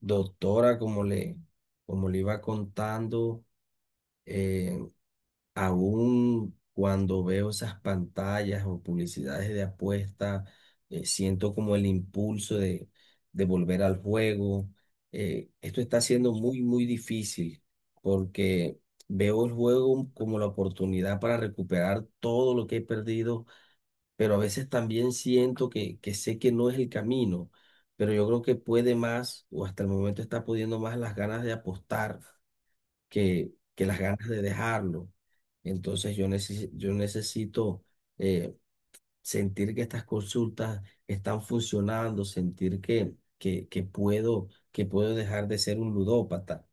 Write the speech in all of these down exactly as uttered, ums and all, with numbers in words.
Doctora, como le, como le iba contando, eh, aún cuando veo esas pantallas o publicidades de apuesta, eh, siento como el impulso de, de volver al juego. Eh, esto está siendo muy, muy difícil porque veo el juego como la oportunidad para recuperar todo lo que he perdido, pero a veces también siento que, que sé que no es el camino, pero yo creo que puede más, o hasta el momento está pudiendo más las ganas de apostar que, que las ganas de dejarlo. Entonces yo, necesi- yo necesito, eh, sentir que estas consultas están funcionando, sentir que, que, que puedo, que puedo dejar de ser un ludópata.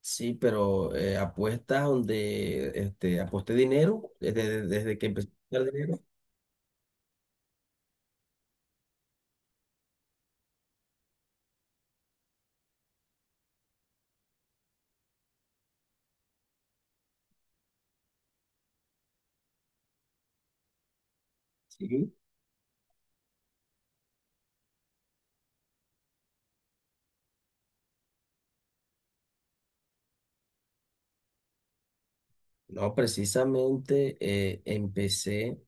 Sí, pero eh, apuestas donde este, aposté dinero desde, desde que empecé a ganar dinero. Sí. No, precisamente eh, empecé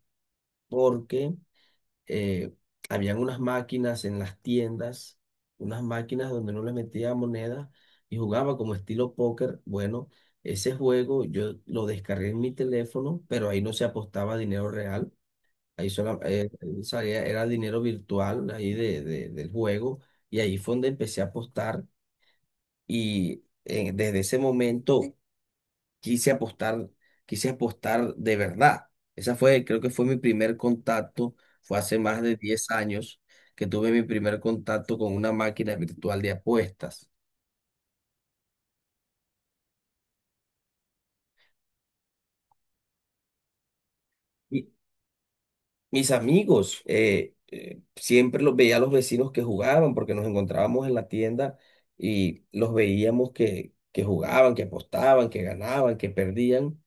porque eh, habían unas máquinas en las tiendas, unas máquinas donde no le metía monedas y jugaba como estilo póker. Bueno, ese juego yo lo descargué en mi teléfono, pero ahí no se apostaba dinero real. Ahí solo, eh, salía era dinero virtual ahí de, de- del juego, y ahí fue donde empecé a apostar y eh, desde ese momento quise apostar, quise apostar de verdad. Esa fue, creo que fue mi primer contacto, fue hace más de diez años que tuve mi primer contacto con una máquina virtual de apuestas. Y mis amigos, eh, eh, siempre los veía a los vecinos que jugaban, porque nos encontrábamos en la tienda y los veíamos que, que jugaban, que apostaban, que ganaban, que perdían.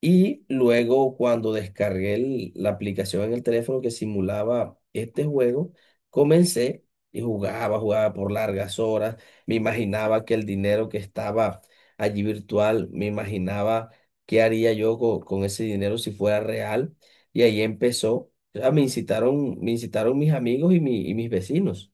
Y luego cuando descargué el- la aplicación en el teléfono que simulaba este juego, comencé y jugaba, jugaba por largas horas. Me imaginaba que el dinero que estaba allí virtual, me imaginaba qué haría yo co- con ese dinero si fuera real. Y ahí empezó. O sea, me incitaron, me incitaron mis amigos y, mi- y mis vecinos.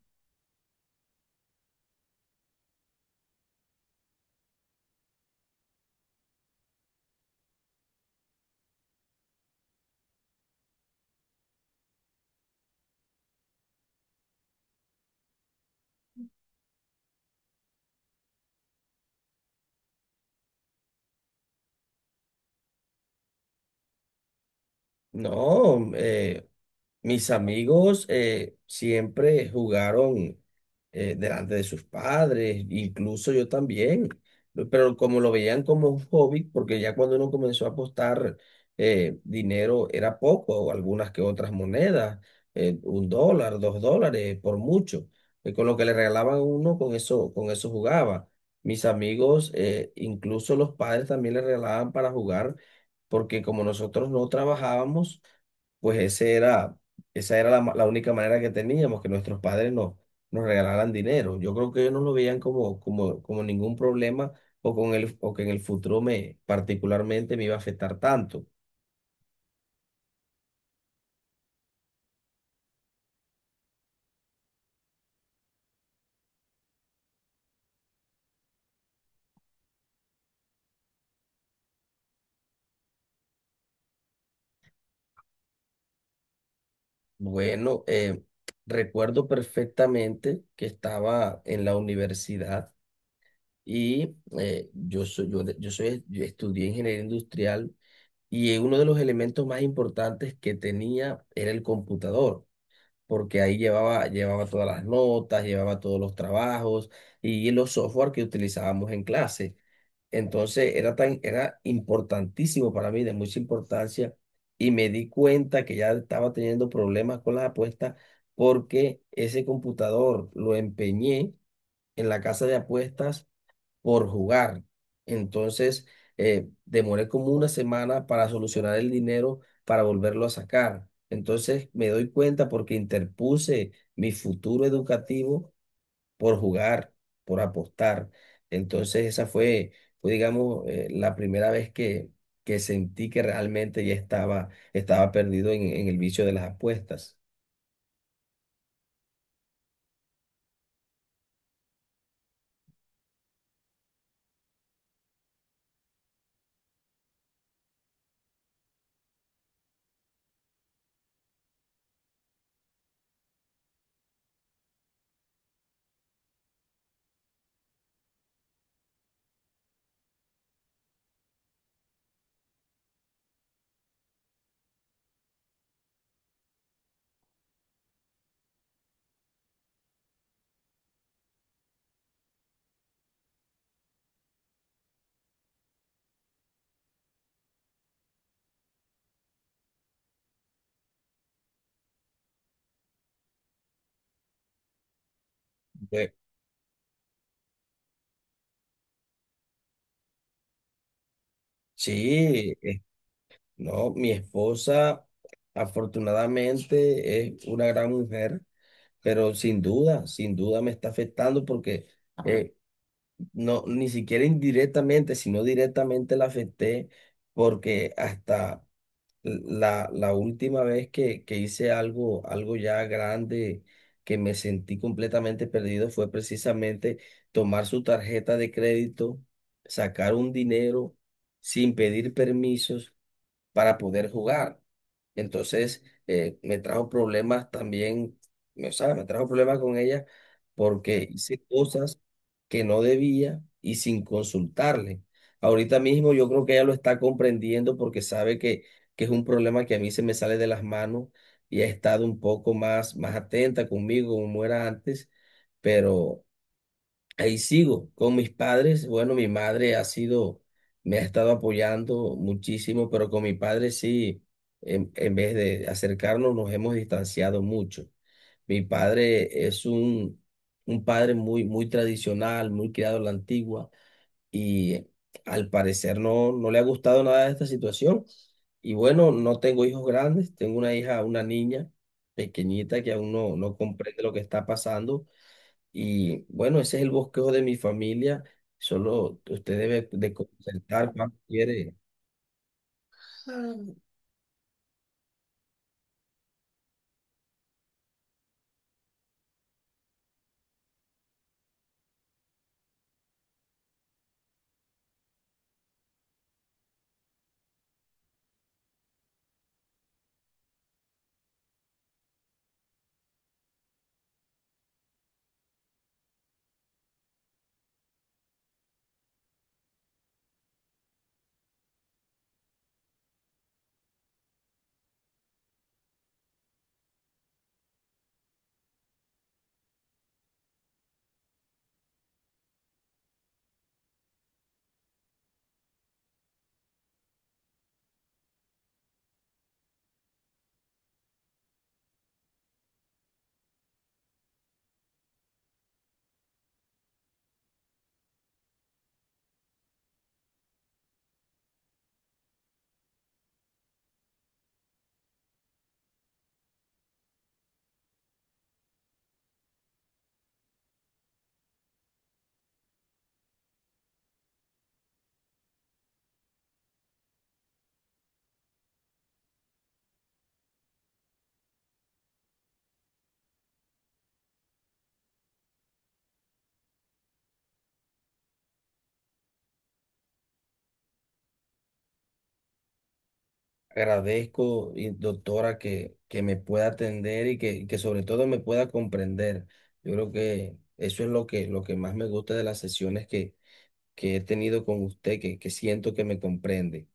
No, eh, mis amigos, eh, siempre jugaron, eh, delante de sus padres, incluso yo también, pero como lo veían como un hobby, porque ya cuando uno comenzó a apostar, eh, dinero era poco, o algunas que otras monedas, eh, un dólar, dos dólares, por mucho, eh, con lo que le regalaban a uno, con eso, con eso jugaba. Mis amigos, eh, incluso los padres también le regalaban para jugar, porque como nosotros no trabajábamos, pues ese era esa era la, ma- la única manera que teníamos, que nuestros padres nos, nos regalaran dinero. Yo creo que ellos no lo veían como, como, como ningún problema o, con el, o que en el futuro me particularmente me iba a afectar tanto. Bueno, eh, recuerdo perfectamente que estaba en la universidad y eh, yo soy, yo, de- yo soy, yo estudié ingeniería industrial y eh, uno de los elementos más importantes que tenía era el computador, porque ahí llevaba, llevaba todas las notas, llevaba todos los trabajos y los software que utilizábamos en clase. Entonces era tan, era importantísimo para mí, de mucha importancia, y me di cuenta que ya estaba teniendo problemas con las apuestas porque ese computador lo empeñé en la casa de apuestas por jugar. Entonces, eh, demoré como una semana para solucionar el dinero para volverlo a sacar. Entonces, me doy cuenta porque interpuse mi futuro educativo por jugar, por apostar. Entonces, esa fue, fue, digamos, eh, la primera vez que, que sentí que realmente ya estaba, estaba perdido en, en el vicio de las apuestas. Ve- Sí, eh, no, mi esposa afortunadamente es una gran mujer. Pero sin duda, sin duda me está afectando porque eh, no, ni siquiera indirectamente, sino directamente la afecté, porque hasta la, la última vez que, que hice algo, algo ya grande, que me sentí completamente perdido, fue precisamente tomar su tarjeta de crédito, sacar un dinero sin pedir permisos para poder jugar. Entonces, eh, me trajo problemas también, o sea, me trajo problemas con ella porque hice cosas que no debía y sin consultarle. Ahorita mismo yo creo que ella lo está comprendiendo porque sabe que, que es un problema que a mí se me sale de las manos y ha estado un poco más, más atenta conmigo como era antes, pero... ahí sigo con mis padres. Bueno, mi madre ha sido, me ha estado apoyando muchísimo, pero con mi padre sí, en, en vez de acercarnos, nos hemos distanciado mucho. Mi padre es un, un padre muy, muy tradicional, muy criado a la antigua, y al parecer no, no le ha gustado nada esta situación. Y bueno, no tengo hijos grandes, tengo una hija, una niña pequeñita que aún no, no comprende lo que está pasando, y bueno, ese es el bosquejo de mi familia. Solo usted debe de concertar cuando quiere. Ah. Agradezco, y doctora, que, que me pueda atender y que, que sobre todo me pueda comprender. Yo creo que eso es lo que, lo que más me gusta de las sesiones que, que he tenido con usted, que, que siento que me comprende.